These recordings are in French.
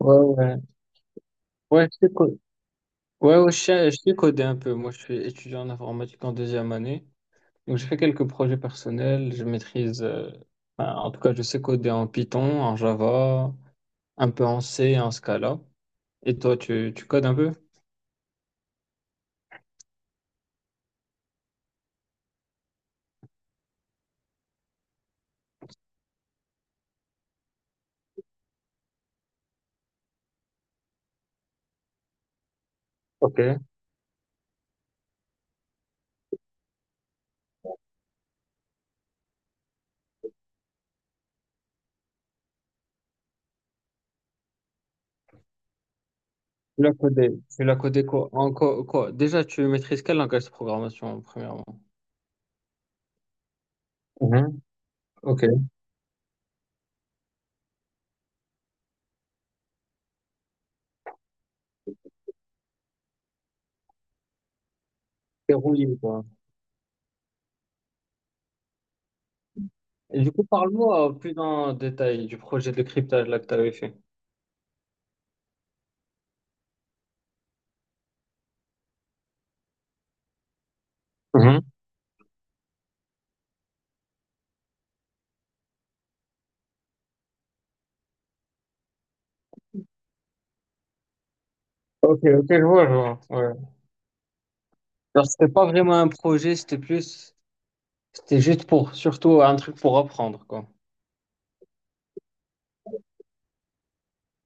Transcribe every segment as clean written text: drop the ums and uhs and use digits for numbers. Ouais, ouais. Ouais, ouais, ouais, je sais coder un peu. Moi, je suis étudiant en informatique en deuxième année. Donc, je fais quelques projets personnels. Je maîtrise, enfin, en tout cas, je sais coder en Python, en Java, un peu en C, en Scala. Et toi, tu codes un peu? Ok. L'as codé. Tu l'as codé quoi? En quoi, quoi? Déjà, tu maîtrises quel langage de programmation, premièrement? Mhm. Ok. Verrouillé, quoi. Et du coup, parle-moi plus en détail du projet de cryptage là que tu avais fait. Mhm. Ok, ok, je vois, je vois. Alors, c'était pas vraiment un projet, c'était plus, c'était juste pour, surtout un truc pour apprendre, quoi.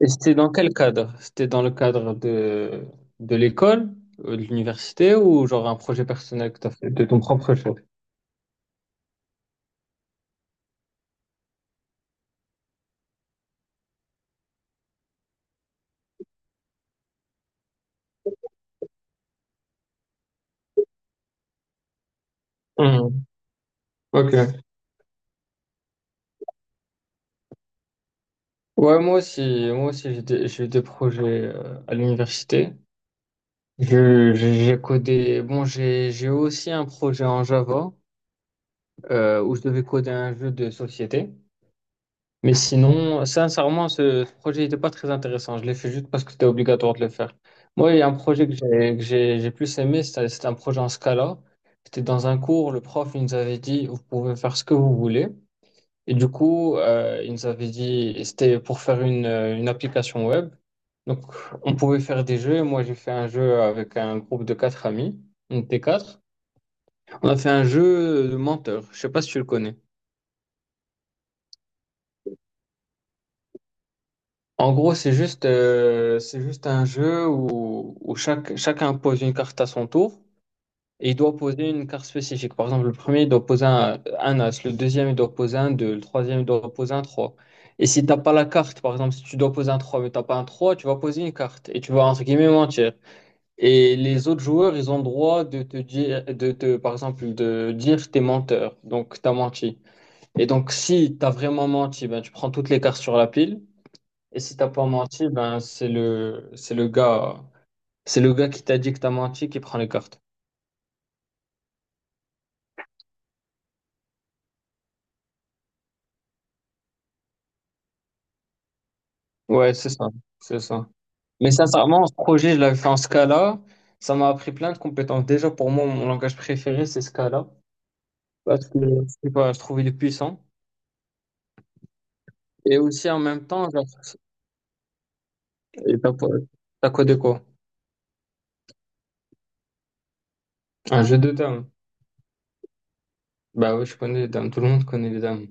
Et c'était dans quel cadre? C'était dans le cadre de l'école, de l'université ou genre un projet personnel que t'as fait de ton propre chef? Mhm. Ok. Ouais, moi aussi, j'ai des, j'ai eu des projets à l'université. J'ai codé, bon, j'ai aussi un projet en Java où je devais coder un jeu de société. Mais sinon, sincèrement, ce projet n'était pas très intéressant. Je l'ai fait juste parce que c'était obligatoire de le faire. Moi, il y a un projet que j'ai plus aimé, c'était un projet en Scala. C'était dans un cours, le prof il nous avait dit, vous pouvez faire ce que vous voulez. Et du coup, il nous avait dit, et c'était pour faire une application web. Donc, on pouvait faire des jeux. Moi, j'ai fait un jeu avec un groupe de quatre amis. On était quatre. On a fait un jeu de menteur. Je sais pas si tu le connais. En gros, c'est juste, un jeu où chacun pose une carte à son tour et il doit poser une carte spécifique. Par exemple, le premier, il doit poser un as, le deuxième, il doit poser un 2. Le troisième, il doit poser un 3. Et si t'as pas la carte, par exemple, si tu dois poser un 3 mais t'as pas un 3, tu vas poser une carte et tu vas entre guillemets mentir. Et les autres joueurs, ils ont le droit de te dire, par exemple, de dire t'es menteur, donc t'as menti. Et donc, si t'as vraiment menti, ben, tu prends toutes les cartes sur la pile. Et si t'as pas menti, ben c'est le gars qui t'a dit que t'as menti qui prend les cartes. Ouais, c'est ça, c'est ça. Mais sincèrement, ce projet, je l'avais fait en Scala. Ça m'a appris plein de compétences. Déjà, pour moi, mon langage préféré, c'est Scala. Parce que je sais pas, je trouve il est puissant. Et aussi en même temps, genre, et t'as quoi t'as codé quoi? Un jeu de dames. Bah oui, je connais les dames. Tout le monde connaît les dames.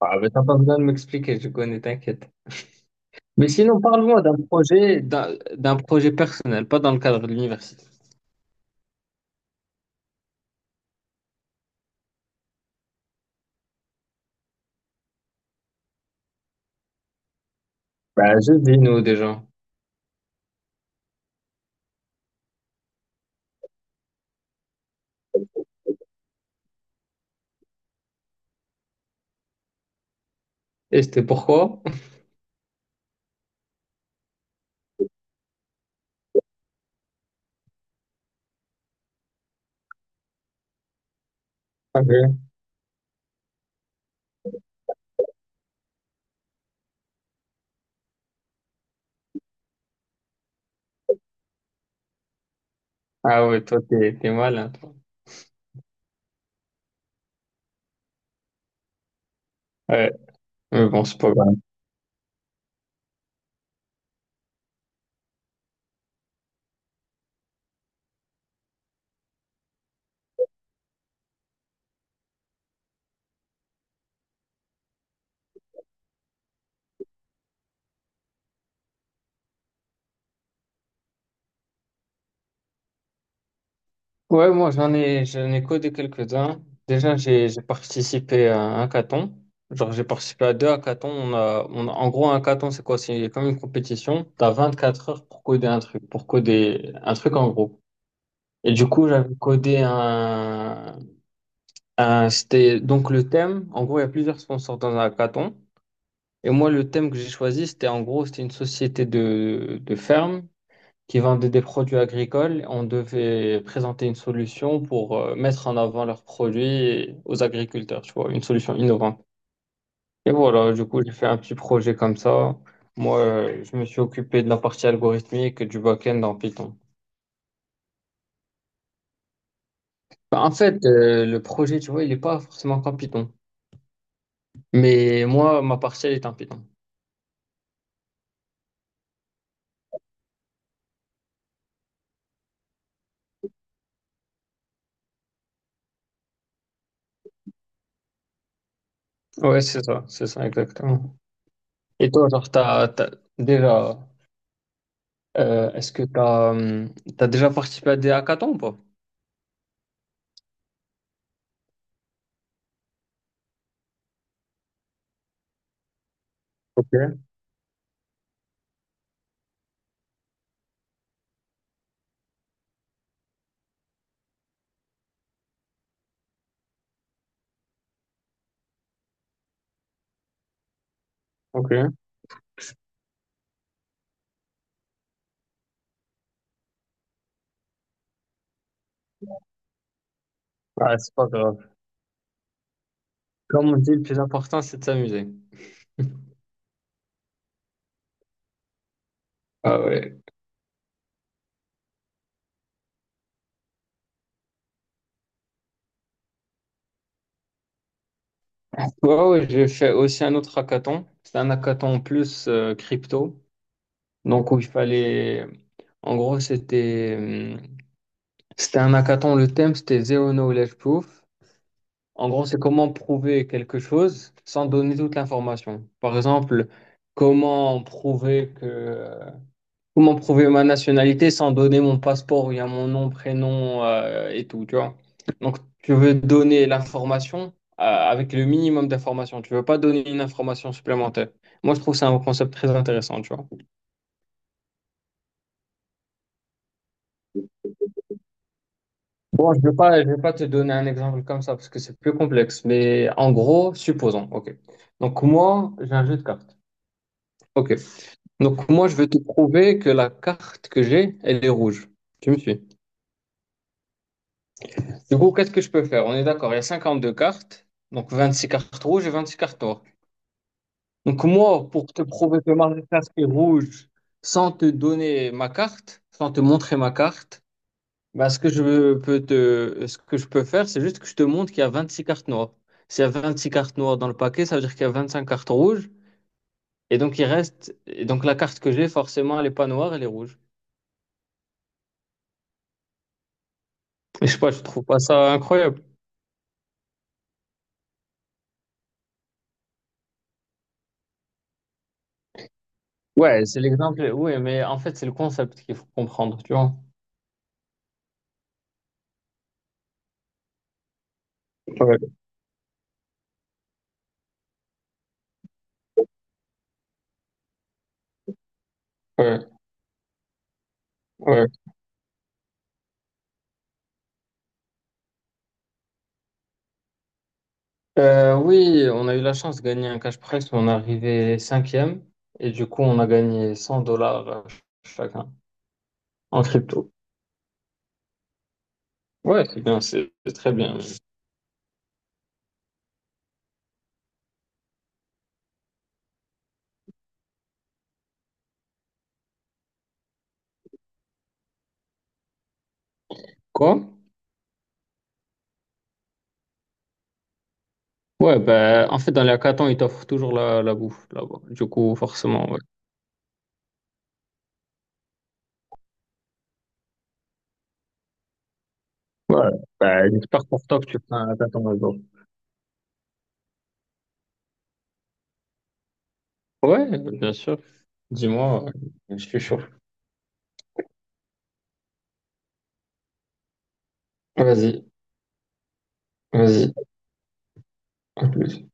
Ah, mais t'as pas besoin de m'expliquer, je connais, t'inquiète. Mais sinon, parle-moi d'un projet, d'un projet personnel, pas dans le cadre de l'université. Bah, je dis nous déjà. Et c'était pourquoi? Ah ouais. Ah ouais, toi, t'es malin, toi. Ouais, mais bon, c'est pas grave. Ouais, moi, j'en ai codé quelques-uns. Déjà, j'ai participé à un hackathon. Genre, j'ai participé à deux hackathons. En gros, un hackathon, c'est quoi? C'est comme une compétition. T'as 24 heures pour coder un truc, en gros. Et du coup, c'était donc le thème. En gros, il y a plusieurs sponsors dans un hackathon. Et moi, le thème que j'ai choisi, c'était en gros, c'était une société de ferme qui vendait des produits agricoles. On devait présenter une solution pour mettre en avant leurs produits aux agriculteurs, tu vois, une solution innovante. Et voilà, du coup, j'ai fait un petit projet comme ça. Moi, je me suis occupé de la partie algorithmique et du back-end en Python. Bah, en fait, le projet, tu vois, il n'est pas forcément qu'en Python. Mais moi, ma partie, elle est en Python. Ouais, c'est ça exactement. Et toi, genre, déjà, est-ce que t'as déjà participé à des hackathons ou pas? Ok, ok. Ah, c'est pas grave. Comme on dit, le plus important, c'est de s'amuser. Ah ouais. Ouais, ouais, j'ai fait aussi un autre hackathon. C'était un hackathon plus crypto. Donc, où il fallait. En gros, c'était un hackathon. Le thème, c'était Zero Knowledge Proof. En gros, c'est comment prouver quelque chose sans donner toute l'information. Par exemple, comment prouver que comment prouver ma nationalité sans donner mon passeport où il y a mon nom, prénom et tout, tu vois. Donc, tu veux donner l'information avec le minimum d'informations. Tu veux pas donner une information supplémentaire. Moi, je trouve que c'est un concept très intéressant, tu vois. Bon, je vais pas te donner un exemple comme ça parce que c'est plus complexe, mais en gros, supposons, ok. Donc moi, j'ai un jeu de cartes. Ok. Donc moi, je vais te prouver que la carte que j'ai, elle est rouge. Tu me suis. Du coup, qu'est-ce que je peux faire? On est d'accord, il y a 52 cartes, donc 26 cartes rouges et 26 cartes noires. Donc moi, pour te prouver que ma carte est rouge, sans te donner ma carte, sans te montrer ma carte, bah, ce que je peux faire, c'est juste que je te montre qu'il y a 26 cartes noires. S'il y a 26 cartes noires dans le paquet, ça veut dire qu'il y a 25 cartes rouges. Et donc la carte que j'ai, forcément, elle n'est pas noire, elle est rouge. Et je sais pas, je trouve pas ça incroyable. Ouais, c'est l'exemple. Oui, mais en fait, c'est le concept qu'il faut comprendre, tu vois. Ouais, ouais, ouais. Oui, on a eu la chance de gagner un cash prize, où on est arrivé cinquième et du coup, on a gagné 100 dollars chacun en crypto. Ouais, c'est bien, c'est très bien. Quoi? Ouais, ben, en fait, dans les hackathons, ils t'offrent toujours la bouffe là-bas. Du coup, forcément, ouais. Ouais, ben, j'espère pour toi que tu feras un hackathon un jour. Ouais, bien sûr. Dis-moi, ouais. Je suis chaud. Vas-y, vas-y. À plus.